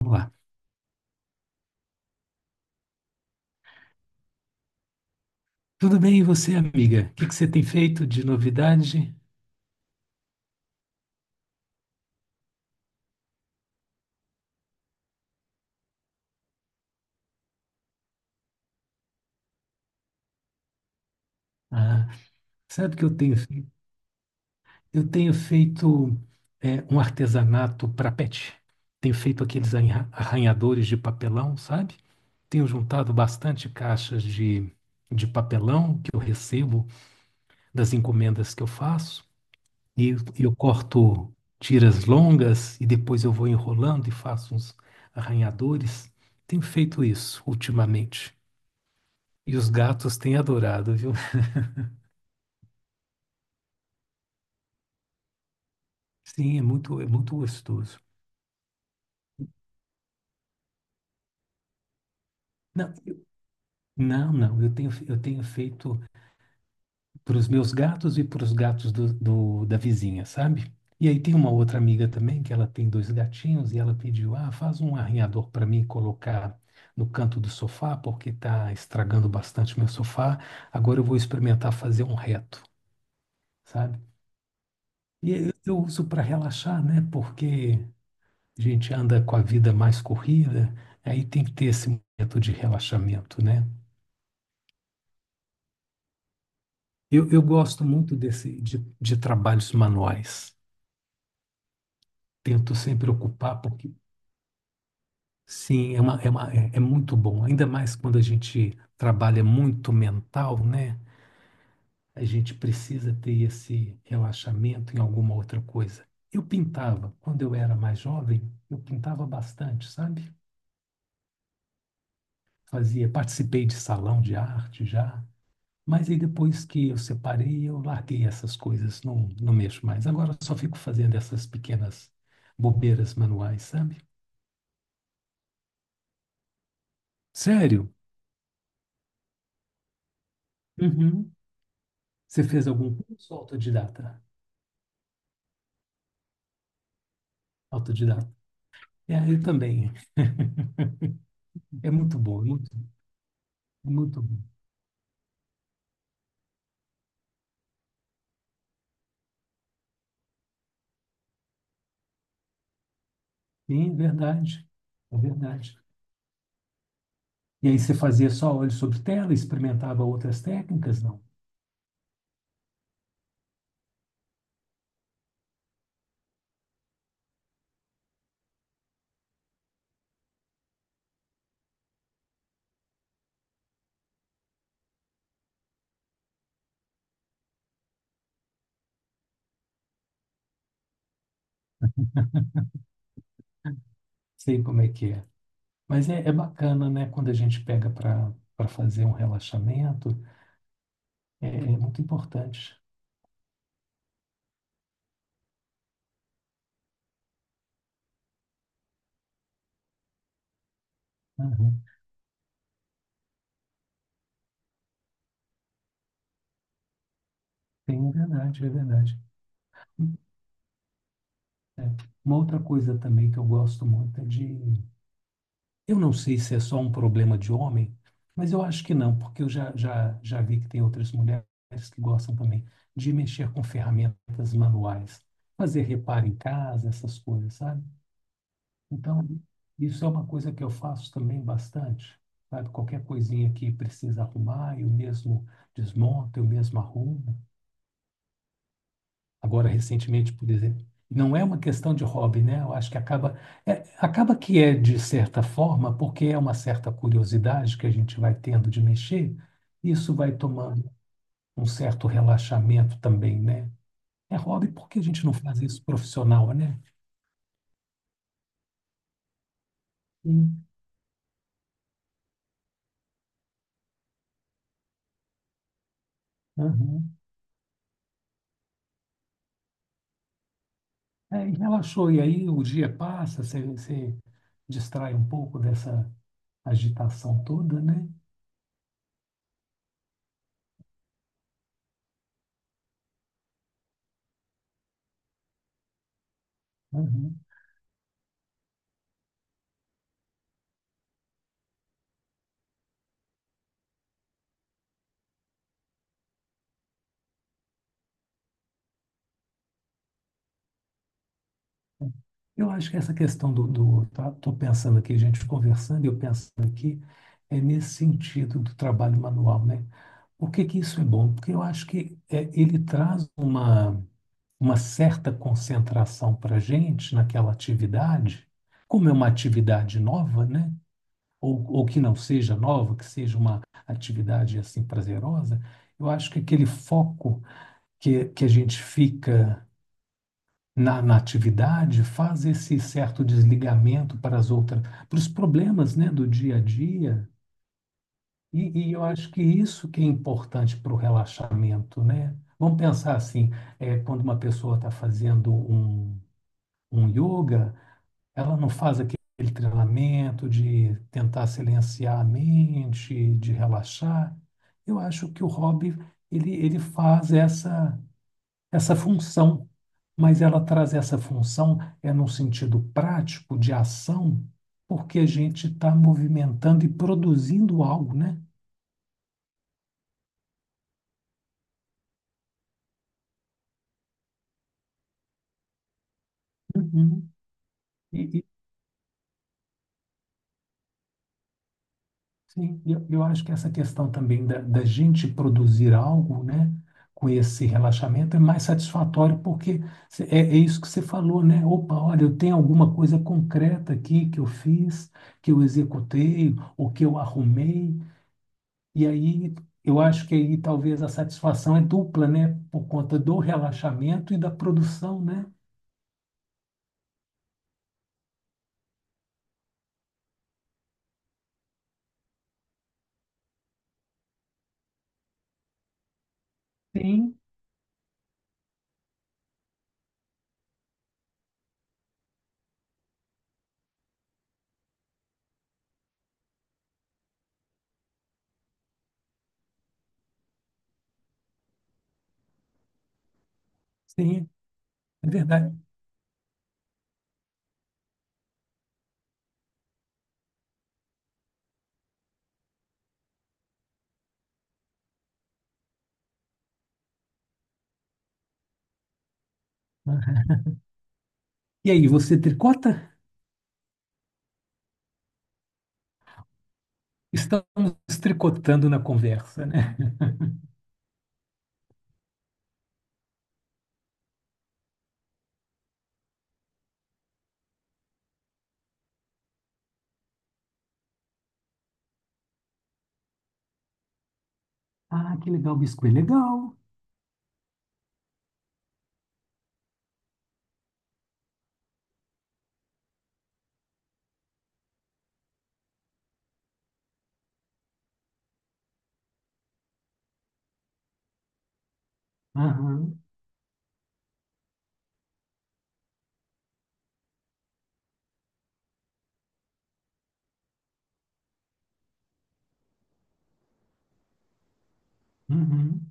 Vamos lá. Tudo bem, e você, amiga? O que que você tem feito de novidade? Ah, sabe o que eu tenho feito? Eu tenho feito um artesanato para pet. Tenho feito aqueles arranhadores de papelão, sabe? Tenho juntado bastante caixas de papelão que eu recebo das encomendas que eu faço. E eu corto tiras longas e depois eu vou enrolando e faço uns arranhadores. Tenho feito isso ultimamente. E os gatos têm adorado, viu? Sim, é muito gostoso. Não, não, não. Eu tenho feito para os meus gatos e para os gatos da vizinha, sabe? E aí tem uma outra amiga também que ela tem dois gatinhos e ela pediu, ah, faz um arranhador para mim colocar no canto do sofá porque está estragando bastante meu sofá. Agora eu vou experimentar fazer um reto, sabe? E eu uso para relaxar, né? Porque a gente anda com a vida mais corrida, aí tem que ter esse momento de relaxamento, né? Eu gosto muito de trabalhos manuais. Tento sempre ocupar, porque sim, é muito bom. Ainda mais quando a gente trabalha muito mental, né? A gente precisa ter esse relaxamento em alguma outra coisa. Eu pintava, quando eu era mais jovem, eu pintava bastante, sabe? Fazia, participei de salão de arte já. Mas aí depois que eu separei, eu larguei essas coisas, não, não mexo mais. Agora eu só fico fazendo essas pequenas bobeiras manuais, sabe? Sério? Uhum. Você fez algum curso autodidata? Autodidata. É, eu também. É muito bom, é muito bom. Sim, é verdade. É verdade. E aí você fazia só olho sobre tela, experimentava outras técnicas? Não sei como é que é. Mas é bacana, né? Quando a gente pega para fazer um relaxamento, é muito importante. Uhum. Tem, é verdade, é verdade. Uma outra coisa também que eu gosto muito é de. Eu não sei se é só um problema de homem, mas eu acho que não, porque eu já vi que tem outras mulheres que gostam também de mexer com ferramentas manuais, fazer reparo em casa, essas coisas, sabe? Então, isso é uma coisa que eu faço também bastante, sabe? Qualquer coisinha que precisa arrumar, eu mesmo desmonto, eu mesmo arrumo. Agora recentemente, por exemplo. Não é uma questão de hobby, né? Eu acho que acaba, acaba que é de certa forma, porque é uma certa curiosidade que a gente vai tendo de mexer, isso vai tomando um certo relaxamento também, né? É hobby porque a gente não faz isso profissional, né? Sim. Uhum. É, e relaxou, e aí o dia passa, você distrai um pouco dessa agitação toda, né? Uhum. Eu acho que essa questão do, do tá, tô pensando aqui, gente conversando, eu pensando aqui, é nesse sentido do trabalho manual, né? Por que que isso é bom? Porque eu acho que ele traz uma certa concentração para a gente naquela atividade, como é uma atividade nova, né? Ou que não seja nova, que seja uma atividade assim prazerosa, eu acho que aquele foco que a gente fica na atividade faz esse certo desligamento para as outras, para os problemas, né, do dia a dia. E eu acho que isso que é importante para o relaxamento, né? Vamos pensar assim, quando uma pessoa está fazendo um yoga, ela não faz aquele treinamento de tentar silenciar a mente, de relaxar. Eu acho que o hobby, ele faz essa função, mas ela traz essa função é num sentido prático de ação, porque a gente está movimentando e produzindo algo, né? Uhum. E, e, sim, eu acho que essa questão também da gente produzir algo, né, com esse relaxamento é mais satisfatório, porque é isso que você falou, né? Opa, olha, eu tenho alguma coisa concreta aqui que eu fiz, que eu executei, ou que eu arrumei. E aí eu acho que aí talvez a satisfação é dupla, né? Por conta do relaxamento e da produção, né? Sim. Sim, é verdade. Aham. E aí, você tricota? Estamos tricotando na conversa, né? Ah, que legal, biscoito. Legal. Aham, uhum.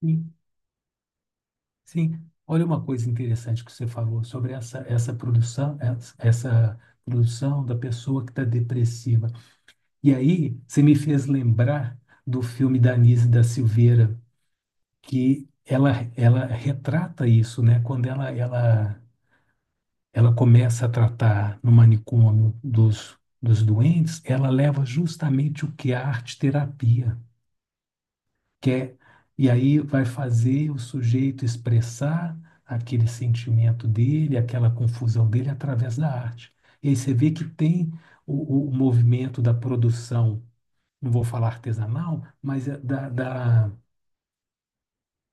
Sim, sim. Olha uma coisa interessante que você falou sobre essa produção, essa produção da pessoa que está depressiva. E aí, você me fez lembrar do filme da Anísia da Silveira, que ela retrata isso, né? Quando ela começa a tratar no manicômio dos doentes, ela leva justamente o que é a arte-terapia, que é, e aí vai fazer o sujeito expressar aquele sentimento dele, aquela confusão dele através da arte. E aí você vê que tem o movimento da produção, não vou falar artesanal, mas é da, da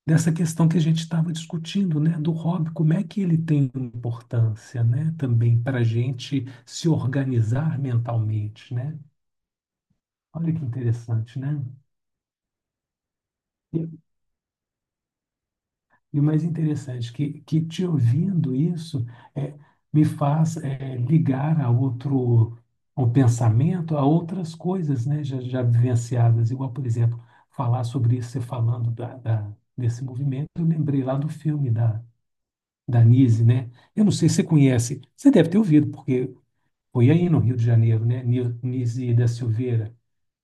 dessa questão que a gente estava discutindo, né, do hobby, como é que ele tem importância, né, também para a gente se organizar mentalmente, né? Olha que interessante, né? E, e o mais interessante que te ouvindo isso é, me faz ligar a outro ao pensamento, a outras coisas, né, já vivenciadas, igual, por exemplo, falar sobre isso, você falando desse movimento, eu lembrei lá do filme da Nise, né? Eu não sei se você conhece, você deve ter ouvido, porque foi aí no Rio de Janeiro, né? Nise da Silveira,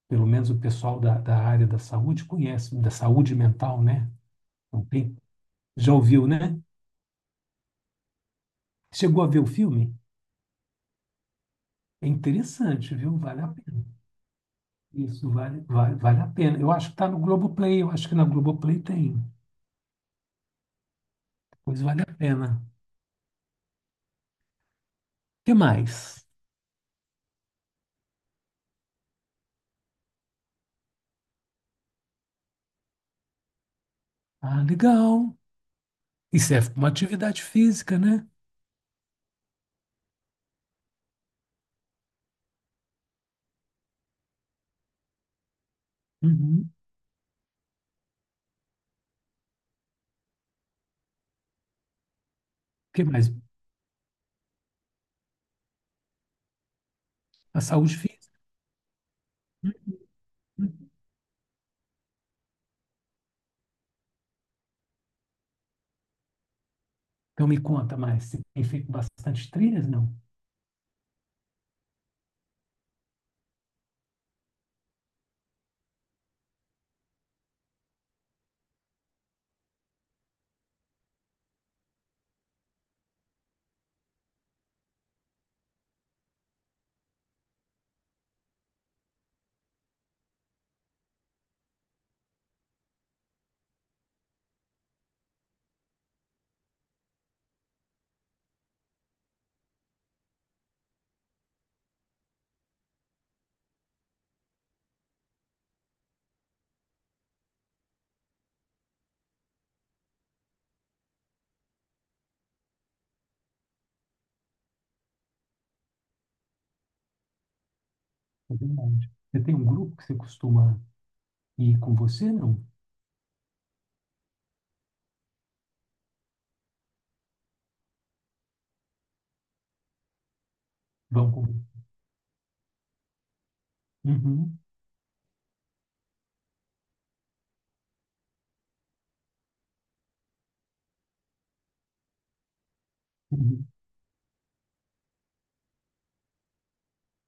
pelo menos o pessoal da área da saúde conhece, da saúde mental, né? Não tem, já ouviu, né? Chegou a ver o filme? É interessante, viu? Vale a pena. Isso vale, vale, vale a pena. Eu acho que está no Globoplay, eu acho que na Globoplay tem. Pois vale a pena. O que mais? Ah, legal. E serve para uma atividade física, né? Uhum. O que mais? A saúde física. Uhum. Então me conta mais, você tem feito bastante trilhas, não? É verdade. Você tem um grupo que você costuma ir com você, não? Vão com... Uhum, uhum.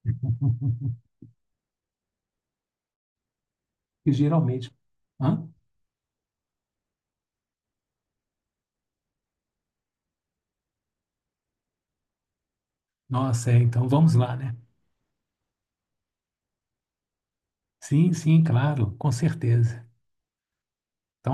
E geralmente... Hã? Nossa, então vamos lá, né? Sim, sim, claro, com certeza. Então